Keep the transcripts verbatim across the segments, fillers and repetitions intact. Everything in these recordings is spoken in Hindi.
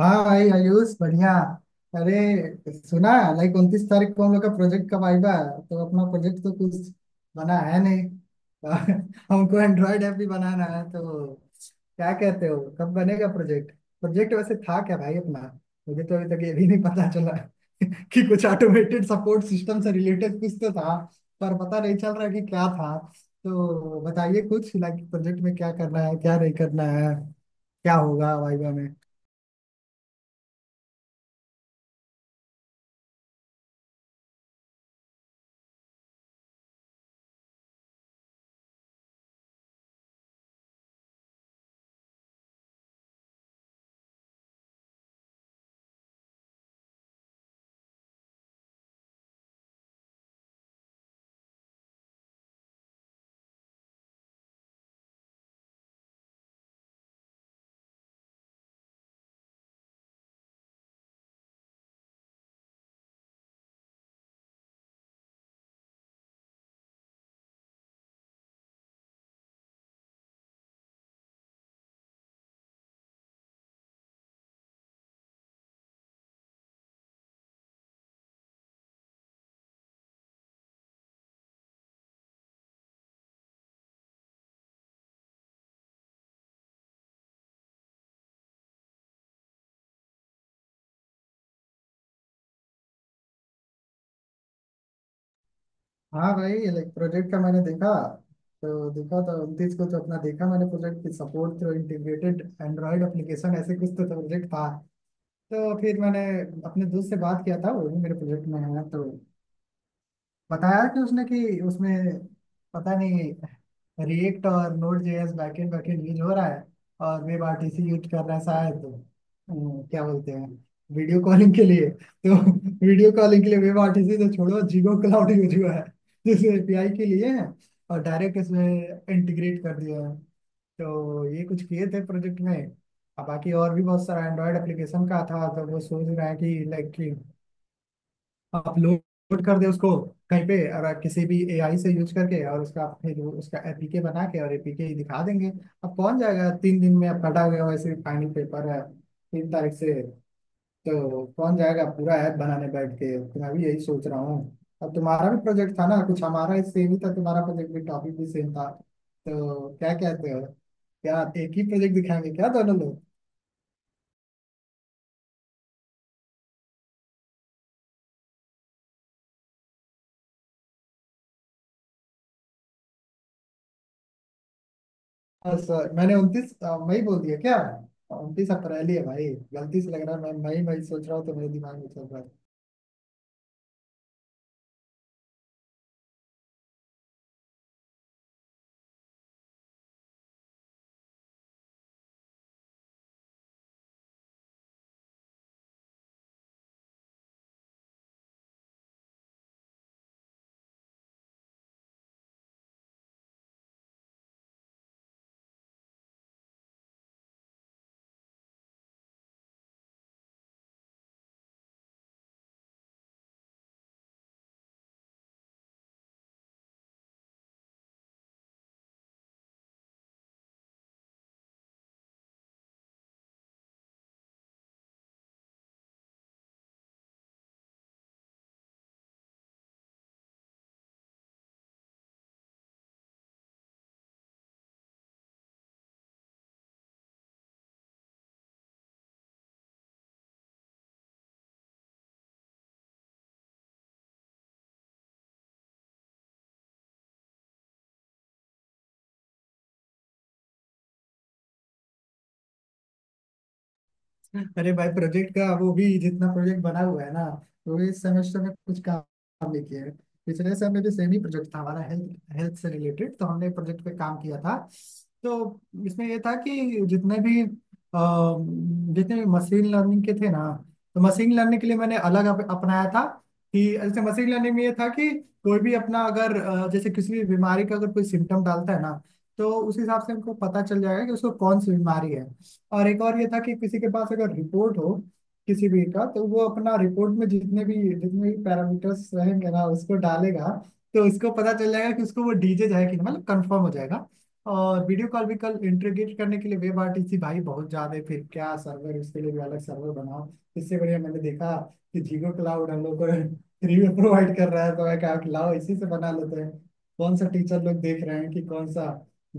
हाँ भाई आयुष बढ़िया। अरे सुना। लाइक उनतीस तारीख को हम लोग का प्रोजेक्ट का वाइवा है तो अपना प्रोजेक्ट तो कुछ बना है नहीं। हमको एंड्रॉयड ऐप भी बनाना है तो क्या कहते हो कब बनेगा प्रोजेक्ट। प्रोजेक्ट वैसे था क्या भाई अपना। मुझे तो अभी तक ये भी नहीं पता चला कि कुछ ऑटोमेटेड सपोर्ट सिस्टम से रिलेटेड कुछ तो था। पर पता नहीं चल रहा कि क्या था। तो बताइए कुछ लाइक प्रोजेक्ट में क्या करना है क्या नहीं करना है। क्या होगा वाइवा। हाँ भाई लाइक प्रोजेक्ट का मैंने देखा तो देखा तो उनतीस को तो अपना देखा मैंने प्रोजेक्ट की support through integrated android application ऐसे कुछ तो प्रोजेक्ट था। तो फिर मैंने अपने दोस्त से बात किया था वो भी मेरे प्रोजेक्ट में है तो बताया कि उसने कि उसमें पता नहीं रिएक्ट और node JS backend backend use हो रहा है। और वेब आरटीसी यूज कर रहा है शायद। हम्म, क्या बोलते हैं वीडियो कॉलिंग के लिए तो वीडियो कॉलिंग के लिए वेब आरटीसी तो छोड़ो जीगो क्लाउड यूज हुआ है जिसे एपीआई के लिए है और डायरेक्ट इसमें इंटीग्रेट कर दिया है। तो ये कुछ किए थे प्रोजेक्ट में। अब बाकी और भी बहुत सारा एंड्रॉयड एप्लीकेशन का था तो वो सोच रहे हैं कि लाइक कि अपलोड कर दे उसको कहीं पे और किसी भी एआई से यूज करके और उसका फिर वो- उसका एपीके बना के और एपीके ही दिखा देंगे। अब कौन जाएगा तीन दिन में अब कटा हुआ वैसे फाइनल पेपर है तीन तारीख से। तो कौन जाएगा पूरा ऐप बनाने बैठ के। तो मैं भी यही सोच रहा हूँ। अब तुम्हारा भी प्रोजेक्ट था ना कुछ हमारा सेम ही था तुम्हारा प्रोजेक्ट भी टॉपिक भी सेम था तो क्या कहते हो क्या एक ही प्रोजेक्ट दिखाएंगे क्या दोनों लोग। हाँ सर मैंने उनतीस मई बोल दिया क्या। उनतीस अप्रैल ही है भाई। गलती से लग रहा है मैं मई मई सोच रहा हूँ तो मेरे दिमाग में चल रहा है। अरे भाई प्रोजेक्ट का वो भी जितना प्रोजेक्ट बना हुआ है ना वो इस सेमेस्टर में कुछ काम नहीं किया है। पिछले समय में भी सेम ही प्रोजेक्ट था हमारा हेल्थ हेल्थ से रिलेटेड तो हमने प्रोजेक्ट पे काम किया था। तो इसमें ये था कि जितने भी अ, जितने भी मशीन लर्निंग के थे ना तो मशीन लर्निंग के लिए मैंने अलग अप, अपनाया था कि जैसे मशीन लर्निंग में ये था कि कोई भी अपना अगर अ, जैसे किसी भी बीमारी का अगर कोई सिम्टम डालता है ना तो उस हिसाब से हमको पता चल जाएगा कि उसको कौन सी बीमारी है। और एक और ये था कि किसी के पास अगर रिपोर्ट हो किसी भी का तो वो अपना रिपोर्ट में जितने भी जितने भी पैरामीटर्स रहेंगे ना उसको डालेगा। तो उसको पता चल जाएगा कि उसको वो डीजे है कि नहीं, मतलब कंफर्म हो जाएगा। और वीडियो कॉल भी कल इंटीग्रेट करने के लिए वेब आरटीसी भाई बहुत ज्यादा है फिर क्या सर्वर उसके लिए भी अलग सर्वर बनाओ। इससे बढ़िया मैंने देखा कि जीगो क्लाउड हम लोग को फ्री में प्रोवाइड कर रहा है तो मैं कहा कि लाओ इसी से बना लेते हैं। कौन सा टीचर लोग देख रहे हैं कि कौन सा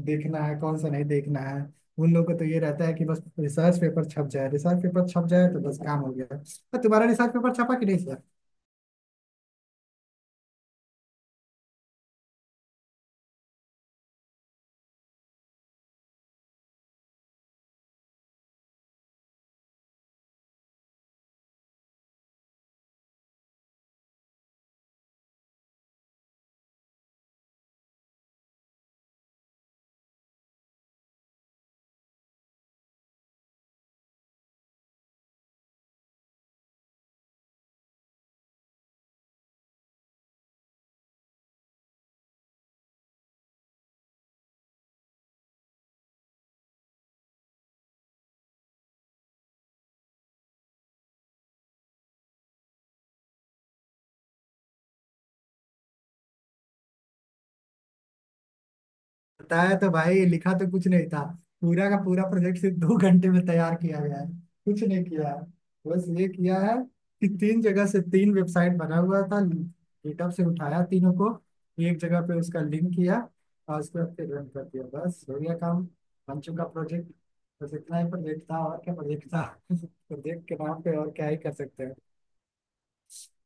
देखना है कौन सा नहीं देखना है। उन लोगों को तो ये रहता है कि बस रिसर्च पेपर छप जाए रिसर्च पेपर छप जाए तो बस काम हो गया। और तुम्हारा रिसर्च पेपर छपा कि नहीं सर। बताया तो भाई लिखा तो कुछ नहीं था। पूरा का पूरा प्रोजेक्ट सिर्फ दो घंटे में तैयार किया गया है। कुछ नहीं किया है। बस ये किया है कि तीन जगह से तीन वेबसाइट बना हुआ था गिटहब से उठाया तीनों को एक जगह पे उसका लिंक किया और उसके बाद फिर रन कर दिया बस हो गया काम। बन चुका प्रोजेक्ट। बस इतना ही प्रोजेक्ट था और क्या प्रोजेक्ट था प्रोजेक्ट के नाम पे और क्या ही कर सकते हैं।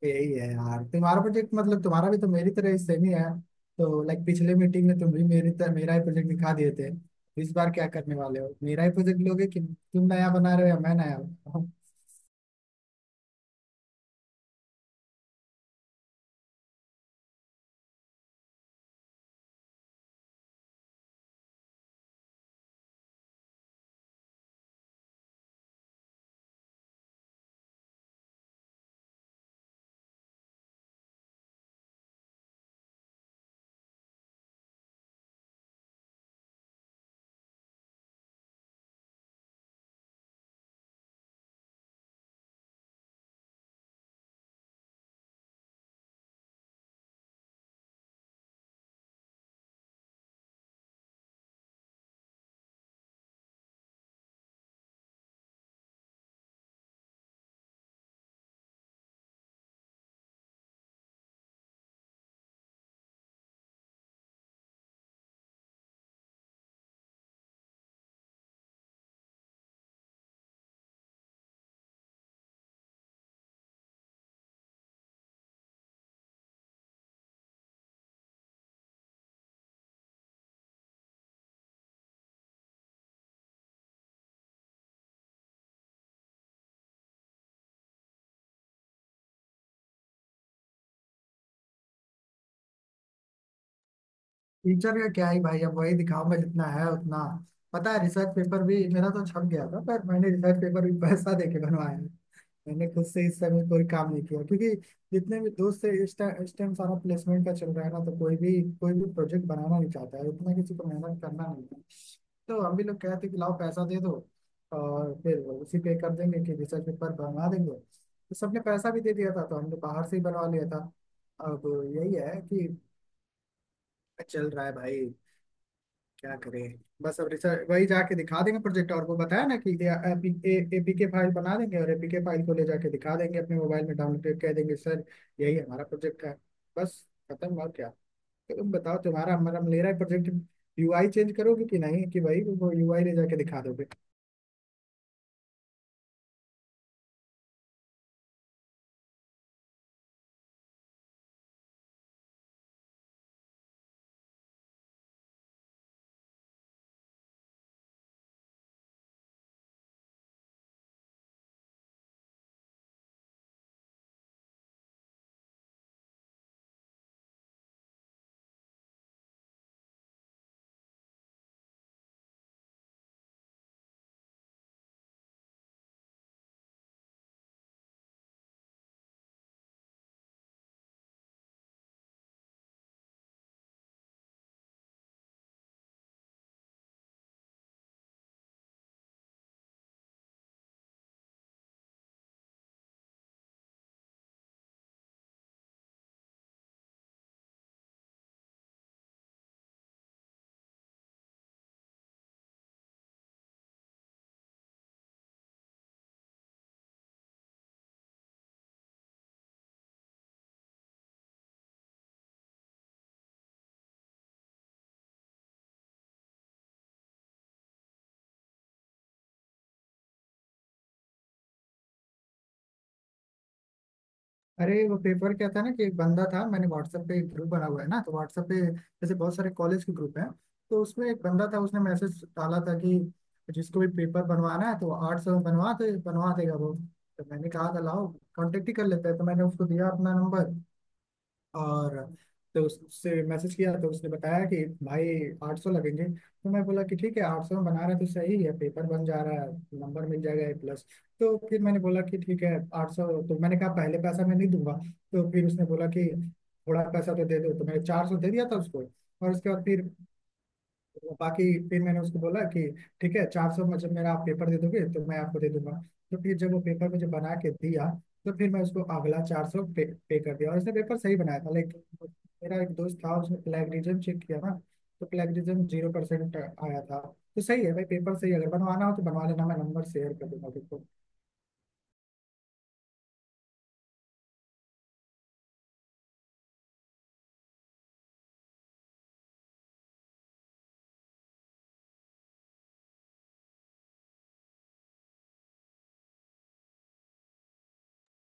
यही है यार तुम्हारा प्रोजेक्ट मतलब तुम्हारा भी तो मेरी तरह सेम ही है। तो लाइक पिछले मीटिंग में तुम भी मेरी तरह मेरा ही प्रोजेक्ट दिखा दिए थे। इस बार क्या करने वाले हो मेरा ही प्रोजेक्ट लोगे कि तुम नया बना रहे हो या मैं नया बना रहा हूँ। टीचर का क्या ही भाई अब वही दिखाऊंगा जितना है उतना। पता है रिसर्च पेपर भी मेरा तो छप गया था पर मैंने रिसर्च पेपर भी पैसा दे के बनवाया है। मैंने खुद से इस समय कोई काम नहीं किया क्योंकि जितने भी दोस्त से इस टाइम इस टाइम सारा प्लेसमेंट का चल रहा है ना तो कोई भी कोई भी प्रोजेक्ट बनाना नहीं चाहता है उतना किसी को मेहनत करना नहीं। तो हम भी लोग कहते थे कि लाओ पैसा दे दो और फिर उसी पे कर देंगे कि रिसर्च पेपर बनवा देंगे तो सबने पैसा भी दे दिया था तो हमने बाहर से ही बनवा लिया था। अब यही है कि चल रहा है भाई। क्या करें बस अब रिसर्च वही जाके दिखा देंगे प्रोजेक्ट और वो बताया ना कि एपीके फाइल बना देंगे और एपीके फाइल को ले जाके दिखा देंगे अपने मोबाइल में डाउनलोड कह देंगे सर। यही हमारा प्रोजेक्ट है। बस खत्म और क्या। तो तुम बताओ तुम्हारा हमारा मेरा प्रोजेक्ट यूआई चेंज करोगे कि नहीं कि भाई वो यूआई ले जाके दिखा दोगे। अरे वो पेपर क्या था ना कि एक बंदा था मैंने व्हाट्सएप पे एक ग्रुप बना हुआ है ना तो व्हाट्सएप पे जैसे बहुत सारे कॉलेज के ग्रुप हैं। तो उसमें एक बंदा था उसने मैसेज डाला था कि जिसको भी पेपर बनवाना है तो आठ सौ में बनवा दे बनवा देगा वो। तो मैंने कहा था लाओ कॉन्टेक्ट ही कर लेते हैं तो मैंने उसको दिया अपना नंबर। और तो उससे मैसेज किया तो उसने बताया कि भाई आठ सौ लगेंगे। तो मैं बोला कि ठीक है आठ सौ में बना रहा है तो सही है पेपर बन जा रहा है नंबर मिल जाएगा ए प्लस। तो फिर मैंने बोला कि ठीक है आठ सौ तो मैंने कहा पहले पैसा मैं नहीं दूंगा। तो फिर उसने बोला कि थोड़ा पैसा तो दे दो तो मैंने चार सौ दे दिया था उसको। और उसके बाद फिर तो बाकी फिर मैंने उसको बोला कि ठीक है चार सौ में जब मेरा आप पेपर दे दोगे तो मैं आपको दे दूंगा। तो फिर जब वो पेपर मुझे बना के दिया तो फिर मैं उसको अगला चार सौ पे, पे कर दिया और उसने पेपर सही बनाया था लेकिन मेरा एक दोस्त था उसने प्लेगरिज्म चेक किया ना। तो प्लेगरिज्म जीरो परसेंट आया था। तो सही है भाई पेपर सही है, अगर बनवाना हो तो बनवा लेना मैं नंबर शेयर कर दूंगा तुमको।